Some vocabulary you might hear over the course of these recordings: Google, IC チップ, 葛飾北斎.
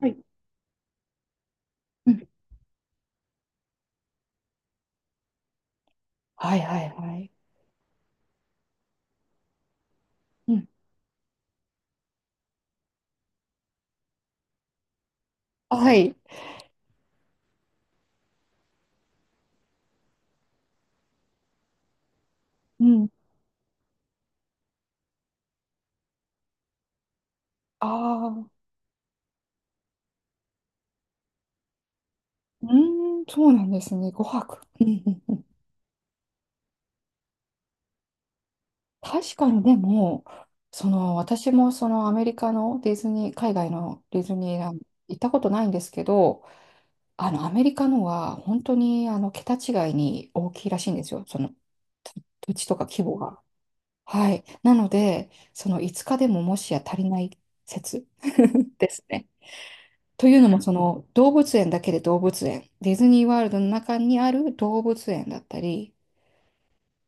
はい。うん。はいはいはい。うん。はい。うん。ああ、そうなんですね。5泊。うんうんうん。確かにでも、私もアメリカのディズニー、海外のディズニーランド行ったことないんですけど、アメリカのは本当に桁違いに大きいらしいんですよ。そのと土地とか規模が。はい。なので、その5日でももしや足りない説 ですね。というのも、動物園、ディズニーワールドの中にある動物園だったり、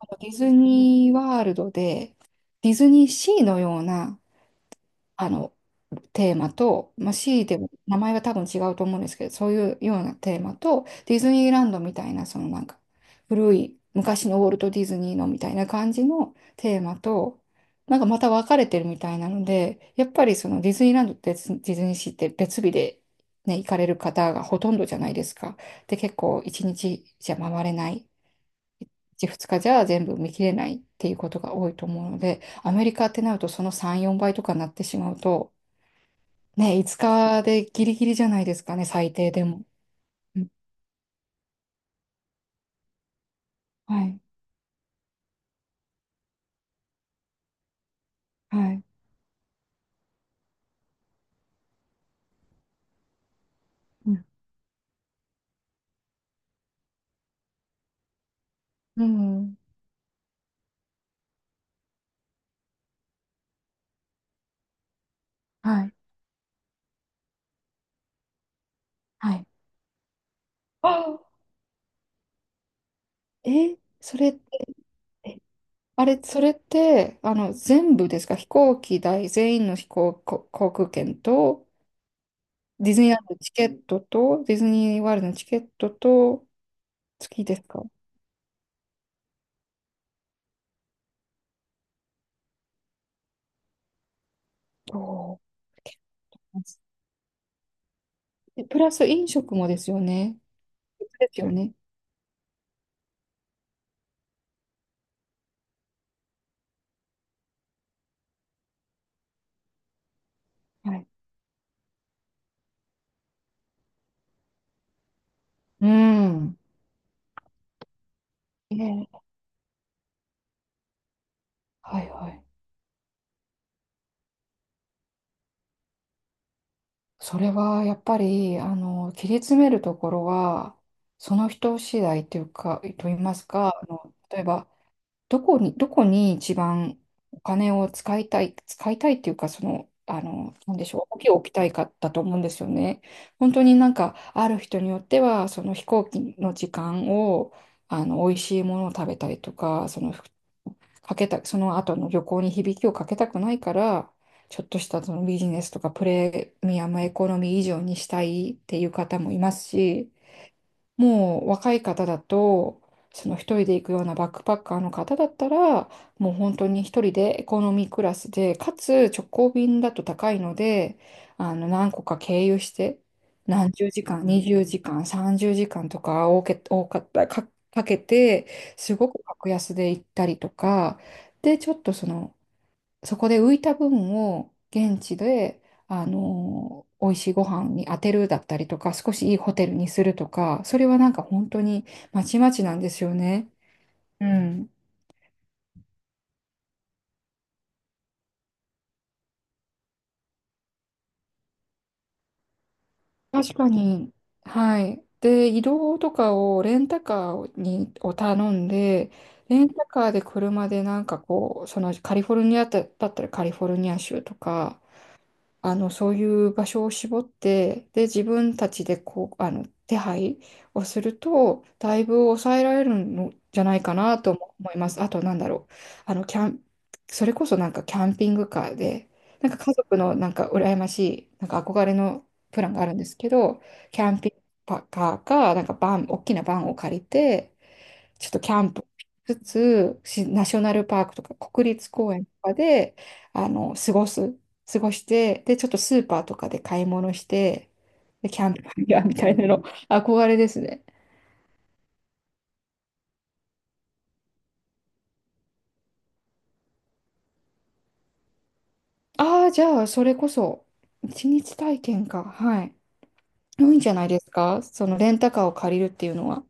あとディズニーワールドで、ディズニーシーのようなあの、テーマと、まあ、C でも名前は多分違うと思うんですけど、そういうようなテーマと、ディズニーランドみたいな、古い、昔のウォルト・ディズニーのみたいな感じのテーマと、なんかまた分かれてるみたいなので、やっぱりそのディズニーランドってディズニーシーって別日で、ね、行かれる方がほとんどじゃないですか。で、結構1日じゃ回れない。1、2日じゃ全部見切れないっていうことが多いと思うので、アメリカってなるとその3、4倍とかになってしまうと、ね、5日でギリギリじゃないですかね、最低でも。うん、はい、はい、うん、うんはい、はい。あえ、それって、えあれ、それって、あの、全部ですか？飛行機代、全員の飛行、こ航空券と、ディズニーランドのチケットと、ディズニーワールドのチケットと、付きですか？おーでプラス飲食もですよね。ですよね。はい。うん。ええ、はいはい。それはやっぱり、あの、切り詰めるところは、その人次第というか、と言いますか、例えば、どこに一番お金を使いたい、使いたいっていうか、その、なんでしょう、大きい置きたいかだと思うんですよね。本当になんか、ある人によっては、その飛行機の時間を、美味しいものを食べたりとか、そのかけた、その後の旅行に響きをかけたくないから、ちょっとしたそのビジネスとかプレミアムエコノミー以上にしたいっていう方もいますし、もう若い方だと、その一人で行くようなバックパッカーの方だったら、もう本当に一人でエコノミークラスで、かつ直行便だと高いので、何個か経由して、何十時間、20時間、30時間とか多かった、かけて、すごく格安で行ったりとか、で、ちょっとそこで浮いた分を現地で、美味しいご飯に当てるだったりとか、少しいいホテルにするとか、それはなんか本当にまちまちなんですよね。うん。確かに。はい。で、移動とかをレンタカーにを頼んで、レンタカーで車でなんかこう、カリフォルニアだったらカリフォルニア州とか、そういう場所を絞って、で、自分たちでこう、手配をすると、だいぶ抑えられるのじゃないかなとも思います。あと、なんだろう。あの、キャン、それこそなんかキャンピングカーで、なんか家族のなんか羨ましい、なんか憧れのプランがあるんですけど、キャンピングカーか、なんかバン、大きなバンを借りて、ちょっとキャンプしつつ、しナショナルパークとか国立公園とかで、あの、過ごす、過ごして、で、ちょっとスーパーとかで買い物して、で、キャンプファイヤーみたいなの、憧れですね。ああ、じゃあ、それこそ、一日体験か。はい。多いんじゃないですか、そのレンタカーを借りるっていうのは。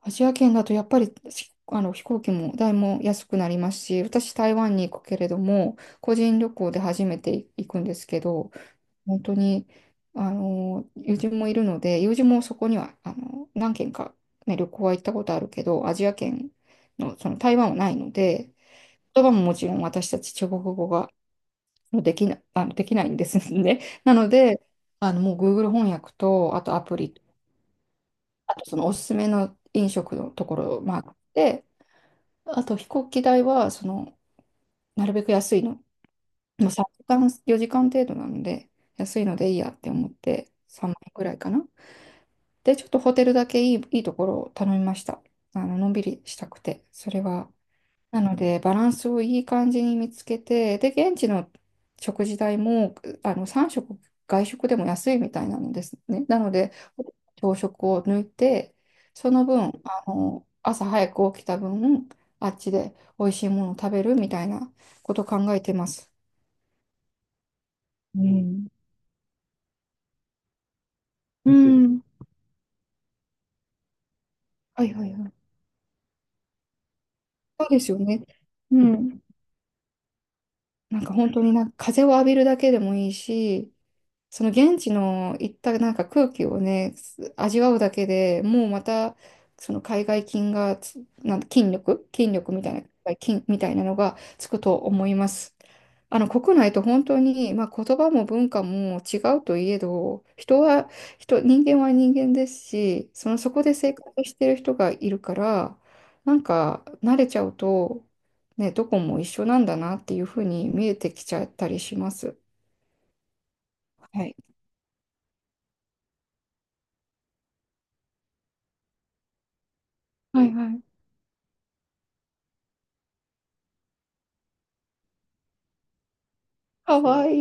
アジア圏だとやっぱりあの飛行機代も安くなりますし、私台湾に行くけれども、個人旅行で初めて行くんですけど、本当に、友人もいるので、友人もそこには、何軒か、ね、旅行は行ったことあるけど、アジア圏の、その台湾はないので、言葉ももちろん私たち中国語ができないんですね。なので、もう Google 翻訳と、あとアプリ、あとそのおすすめの飲食のところをマークして、あと飛行機代は、なるべく安いの、もう時間、4時間程度なので、安いのでいいやって思って、3万円くらいかな。で、ちょっとホテルだけいいところを頼みました。のんびりしたくて、それは。なので、バランスをいい感じに見つけて、で、現地の食事代も、3食、外食でも安いみたいなのですね。なので、朝食を抜いて、その分、朝早く起きた分、あっちで美味しいものを食べるみたいなことを考えてます。うん。うん。はいはいはい。そうですよね。うん。なんか本当になんか風を浴びるだけでもいいし、その現地の行ったなんか空気をね、味わうだけでもうまた、その海外菌がつ、なん筋力、筋力みたいな、筋みたいなのがつくと思います。あの国内と本当に、まあ、言葉も文化も違うといえど、人は人間は人間ですし、そこで生活してる人がいるから、なんか慣れちゃうと、ね、どこも一緒なんだなっていうふうに見えてきちゃったりします。はい。はいはい、かわい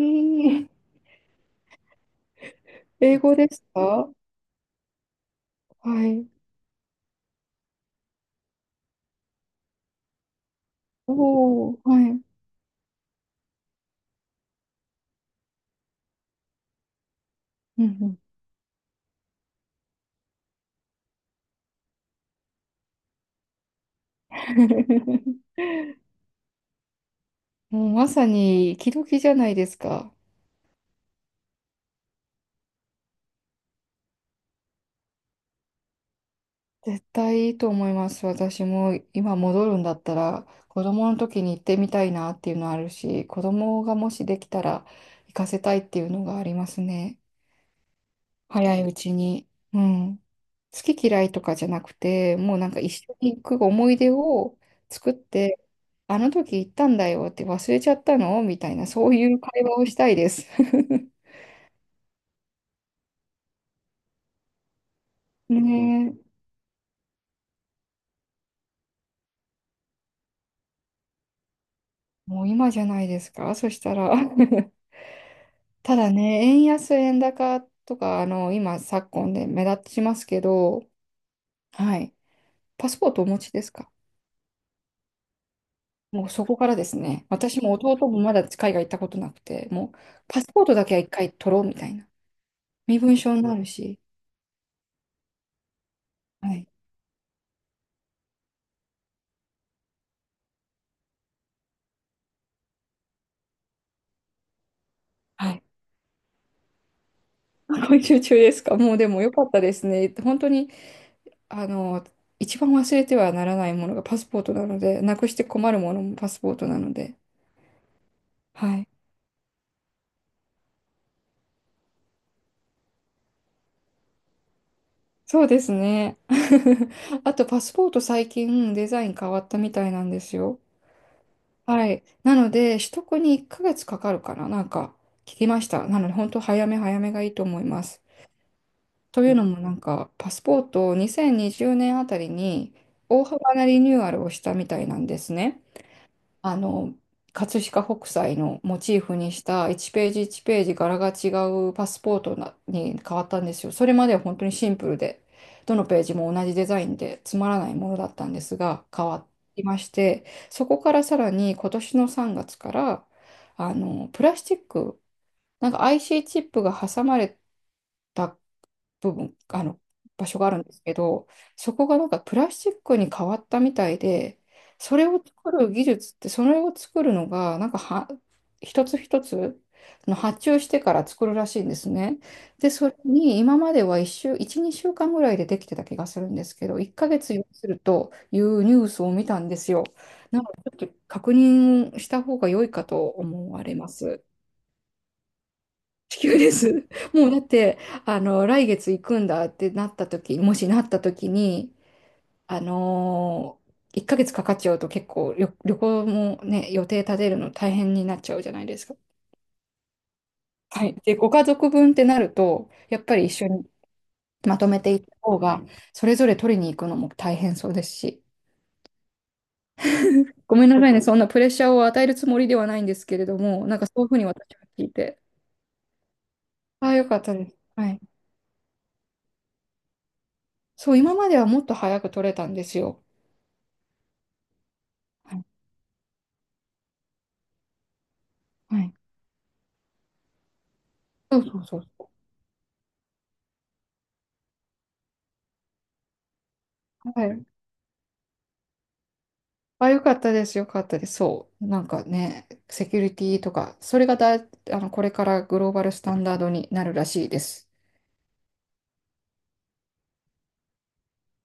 い。英語ですか？はい。おお、はい。うんうん。 もうまさに、時々じゃないですか。絶対いいと思います。私も今戻るんだったら、子供の時に行ってみたいなっていうのあるし、子供がもしできたら行かせたいっていうのがありますね。早いうちに。うん。好き嫌いとかじゃなくて、もうなんか一緒に行く思い出を作って、あの時行ったんだよって忘れちゃったのみたいな、そういう会話をしたいです。ねえ、もう今じゃないですか、そしたら。ただね、円安、円高とか、昨今で目立ちますけど、はい。パスポートお持ちですか？もうそこからですね、私も弟もまだ海外行ったことなくて、もうパスポートだけは一回取ろうみたいな。身分証になるし、はい。はい。 今週中ですか？もうでも良かったですね。本当に、あの、一番忘れてはならないものがパスポートなので、なくして困るものもパスポートなので。はい。そうですね。あと、パスポート最近デザイン変わったみたいなんですよ。はい。なので、取得に1ヶ月かかるかな、なんか聞きました。なので、本当早め早めがいいと思います。というのも、なんか、パスポートを2020年あたりに大幅なリニューアルをしたみたいなんですね。あの、葛飾北斎のモチーフにした1ページ1ページ柄が違うパスポートに変わったんですよ。それまでは本当にシンプルで、どのページも同じデザインでつまらないものだったんですが、変わりまして、そこからさらに今年の3月から、あの、プラスチック、なんか IC チップが挟まれた部分、場所があるんですけど、そこがなんかプラスチックに変わったみたいで、それを作るのが、なんかは、一つ一つの発注してから作るらしいんですね。で、それに今までは1、2週間ぐらいでできてた気がするんですけど、1ヶ月要するというニュースを見たんですよ。なので、ちょっと確認した方が良いかと思われます。地球です。もうだって、あの、来月行くんだってなった時、もしなった時に、あのー、1ヶ月かかっちゃうと結構旅行もね、予定立てるの大変になっちゃうじゃないですか。はい。で、ご家族分ってなると、やっぱり一緒にまとめていった方が、それぞれ取りに行くのも大変そうですし、ごめんなさいね、そんなプレッシャーを与えるつもりではないんですけれども、なんかそういうふうに私は聞いて、ああ、よかったです。はい。そう、今まではもっと早く取れたんですよ。はいはい、そうそうそうそう。はい。あ、よかったです。よかったです。そう。なんかね、セキュリティとか、それがだい、あの、これからグローバルスタンダードになるらしいです。